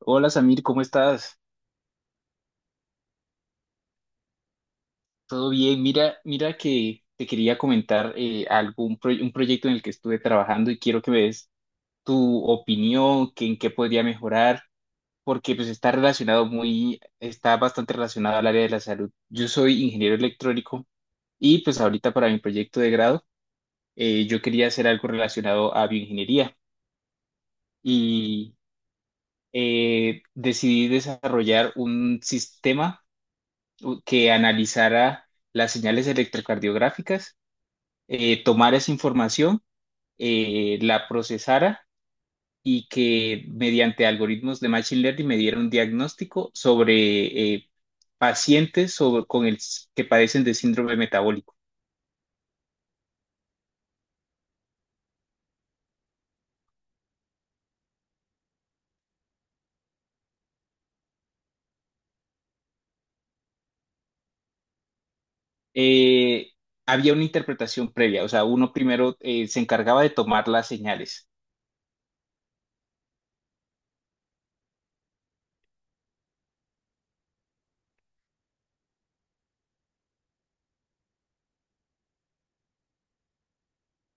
Hola Samir, ¿cómo estás? ¿Todo bien? Mira, mira que te quería comentar un proyecto en el que estuve trabajando y quiero que me des tu opinión, que en qué podría mejorar, porque pues está relacionado está bastante relacionado al área de la salud. Yo soy ingeniero electrónico y pues ahorita para mi proyecto de grado yo quería hacer algo relacionado a bioingeniería y decidí desarrollar un sistema que analizara las señales electrocardiográficas, tomara esa información, la procesara y que mediante algoritmos de Machine Learning me diera un diagnóstico sobre pacientes que padecen de síndrome metabólico. Eh, Había una interpretación previa, o sea, uno primero se encargaba de tomar las señales.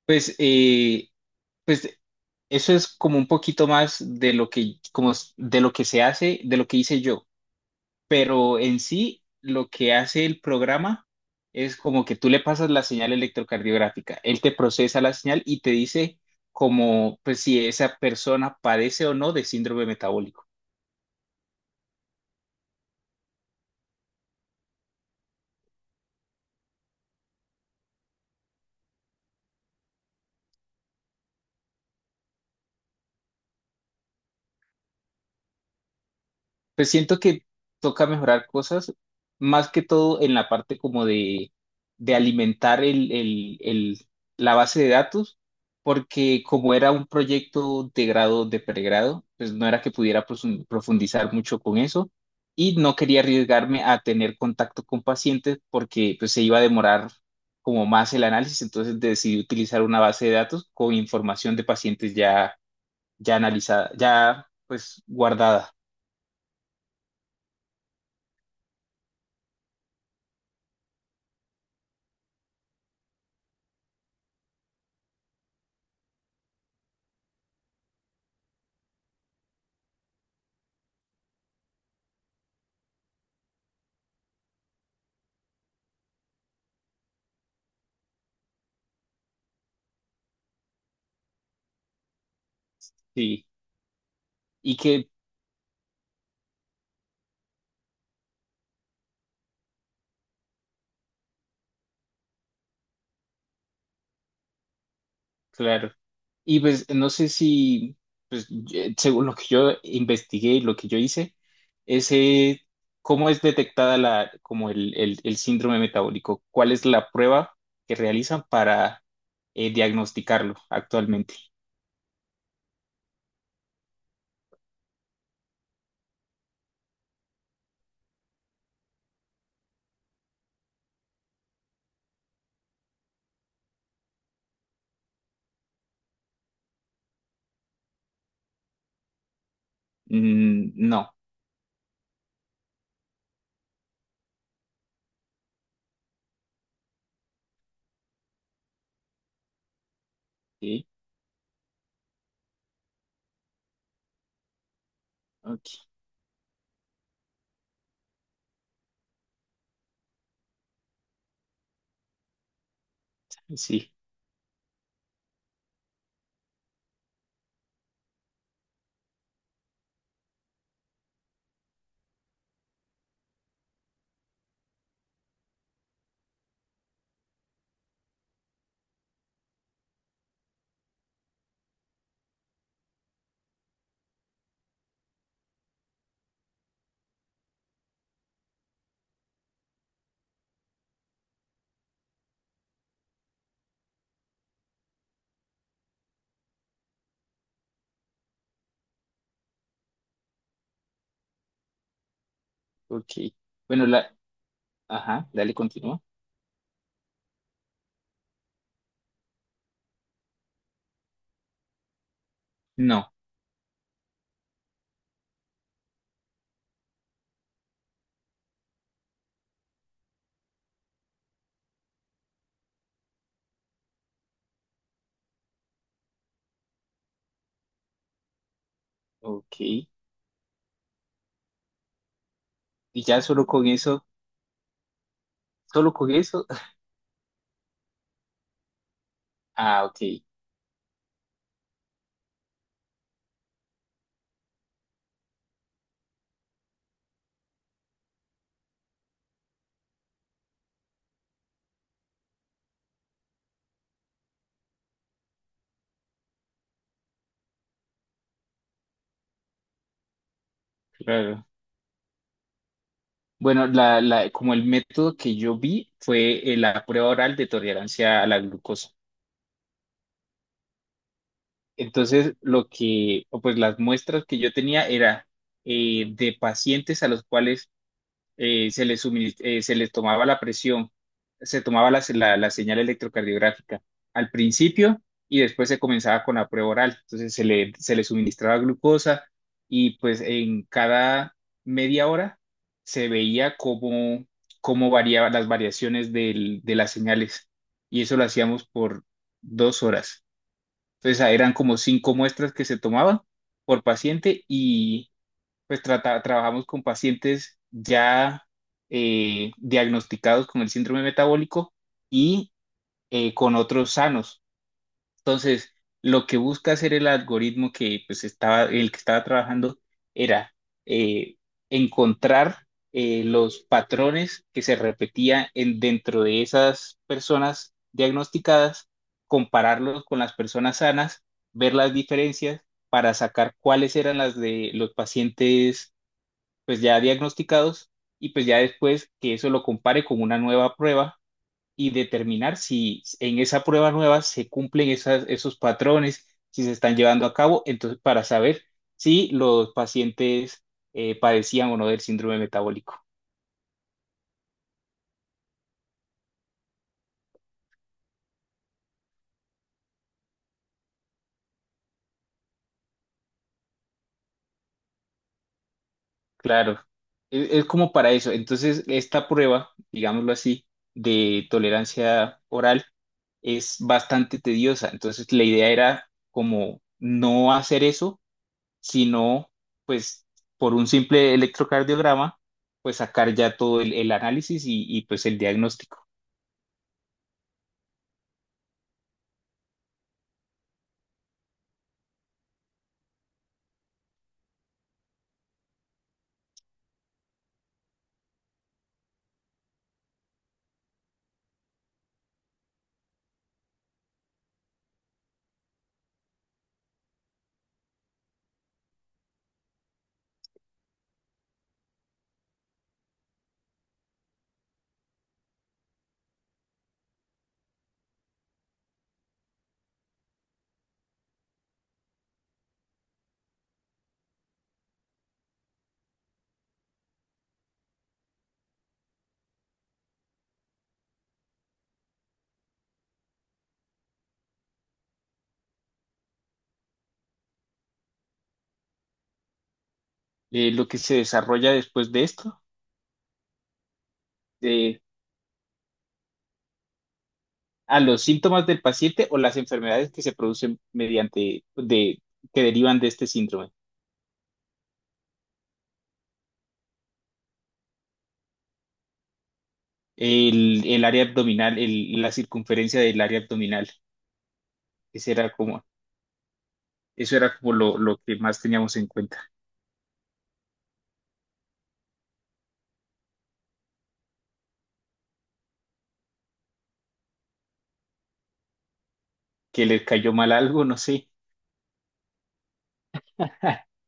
Pues, eh, pues, eso es como un poquito más de lo que, de lo que se hace, de lo que hice yo. Pero en sí lo que hace el programa es como que tú le pasas la señal electrocardiográfica, él te procesa la señal y te dice como pues si esa persona padece o no de síndrome metabólico. Pues siento que toca mejorar cosas, más que todo en la parte como de, alimentar la base de datos, porque como era un proyecto de grado de pregrado, pues no era que pudiera profundizar mucho con eso y no quería arriesgarme a tener contacto con pacientes porque pues se iba a demorar como más el análisis, entonces decidí utilizar una base de datos con información de pacientes ya analizada, ya pues guardada. Sí. Y que. Claro. Y pues no sé si, según lo que yo investigué y lo que yo hice, ese, ¿cómo es detectada como el síndrome metabólico? ¿Cuál es la prueba que realizan para diagnosticarlo actualmente? Mm, no. Sí, ok. Sí, ok. Bueno, ajá, dale, continúa. No, ok. Y ya solo con eso, solo con eso. Ah, ok, claro. Bueno, como el método que yo vi fue la prueba oral de tolerancia a la glucosa. Entonces, o pues las muestras que yo tenía era de pacientes a los cuales se les tomaba la presión, se tomaba la señal electrocardiográfica al principio y después se comenzaba con la prueba oral. Entonces se le suministraba glucosa y pues en cada media hora se veía cómo variaban las variaciones de las señales y eso lo hacíamos por 2 horas. Entonces eran como cinco muestras que se tomaban por paciente pues trabajamos con pacientes ya diagnosticados con el síndrome metabólico y con otros sanos. Entonces, lo que busca hacer el algoritmo que el que estaba trabajando era eh, encontrar los patrones que se repetían dentro de esas personas diagnosticadas, compararlos con las personas sanas, ver las diferencias para sacar cuáles eran las de los pacientes pues ya diagnosticados y pues ya después que eso lo compare con una nueva prueba y determinar si en esa prueba nueva se cumplen esos patrones, si se están llevando a cabo, entonces para saber si los pacientes padecían o no del síndrome metabólico. Claro, es como para eso. Entonces, esta prueba, digámoslo así, de tolerancia oral es bastante tediosa. Entonces, la idea era como no hacer eso sino pues por un simple electrocardiograma, pues sacar ya todo el análisis y, pues el diagnóstico. Lo que se desarrolla después de esto, eh, a los síntomas del paciente o las enfermedades que se producen mediante, que derivan de este síndrome. El área abdominal, la circunferencia del área abdominal, ese era como, eso era como lo que más teníamos en cuenta. Que le cayó mal algo, no sé.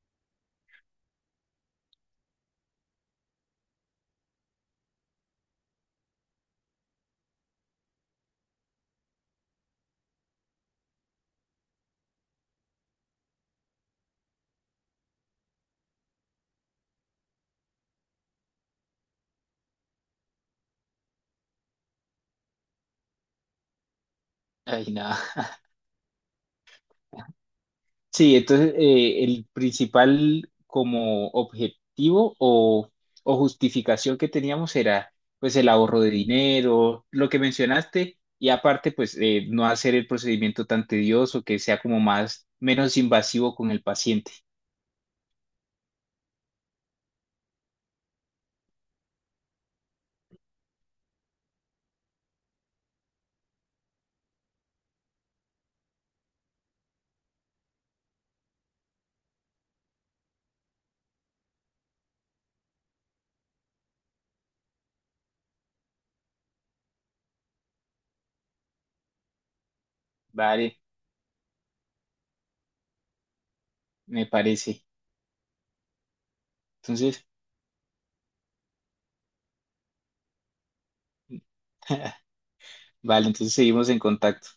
Ay, no. Sí, entonces el principal como objetivo o justificación que teníamos era pues el ahorro de dinero, lo que mencionaste, y aparte pues no hacer el procedimiento tan tedioso, que sea como menos invasivo con el paciente. Vale, me parece. Entonces, vale, entonces seguimos en contacto.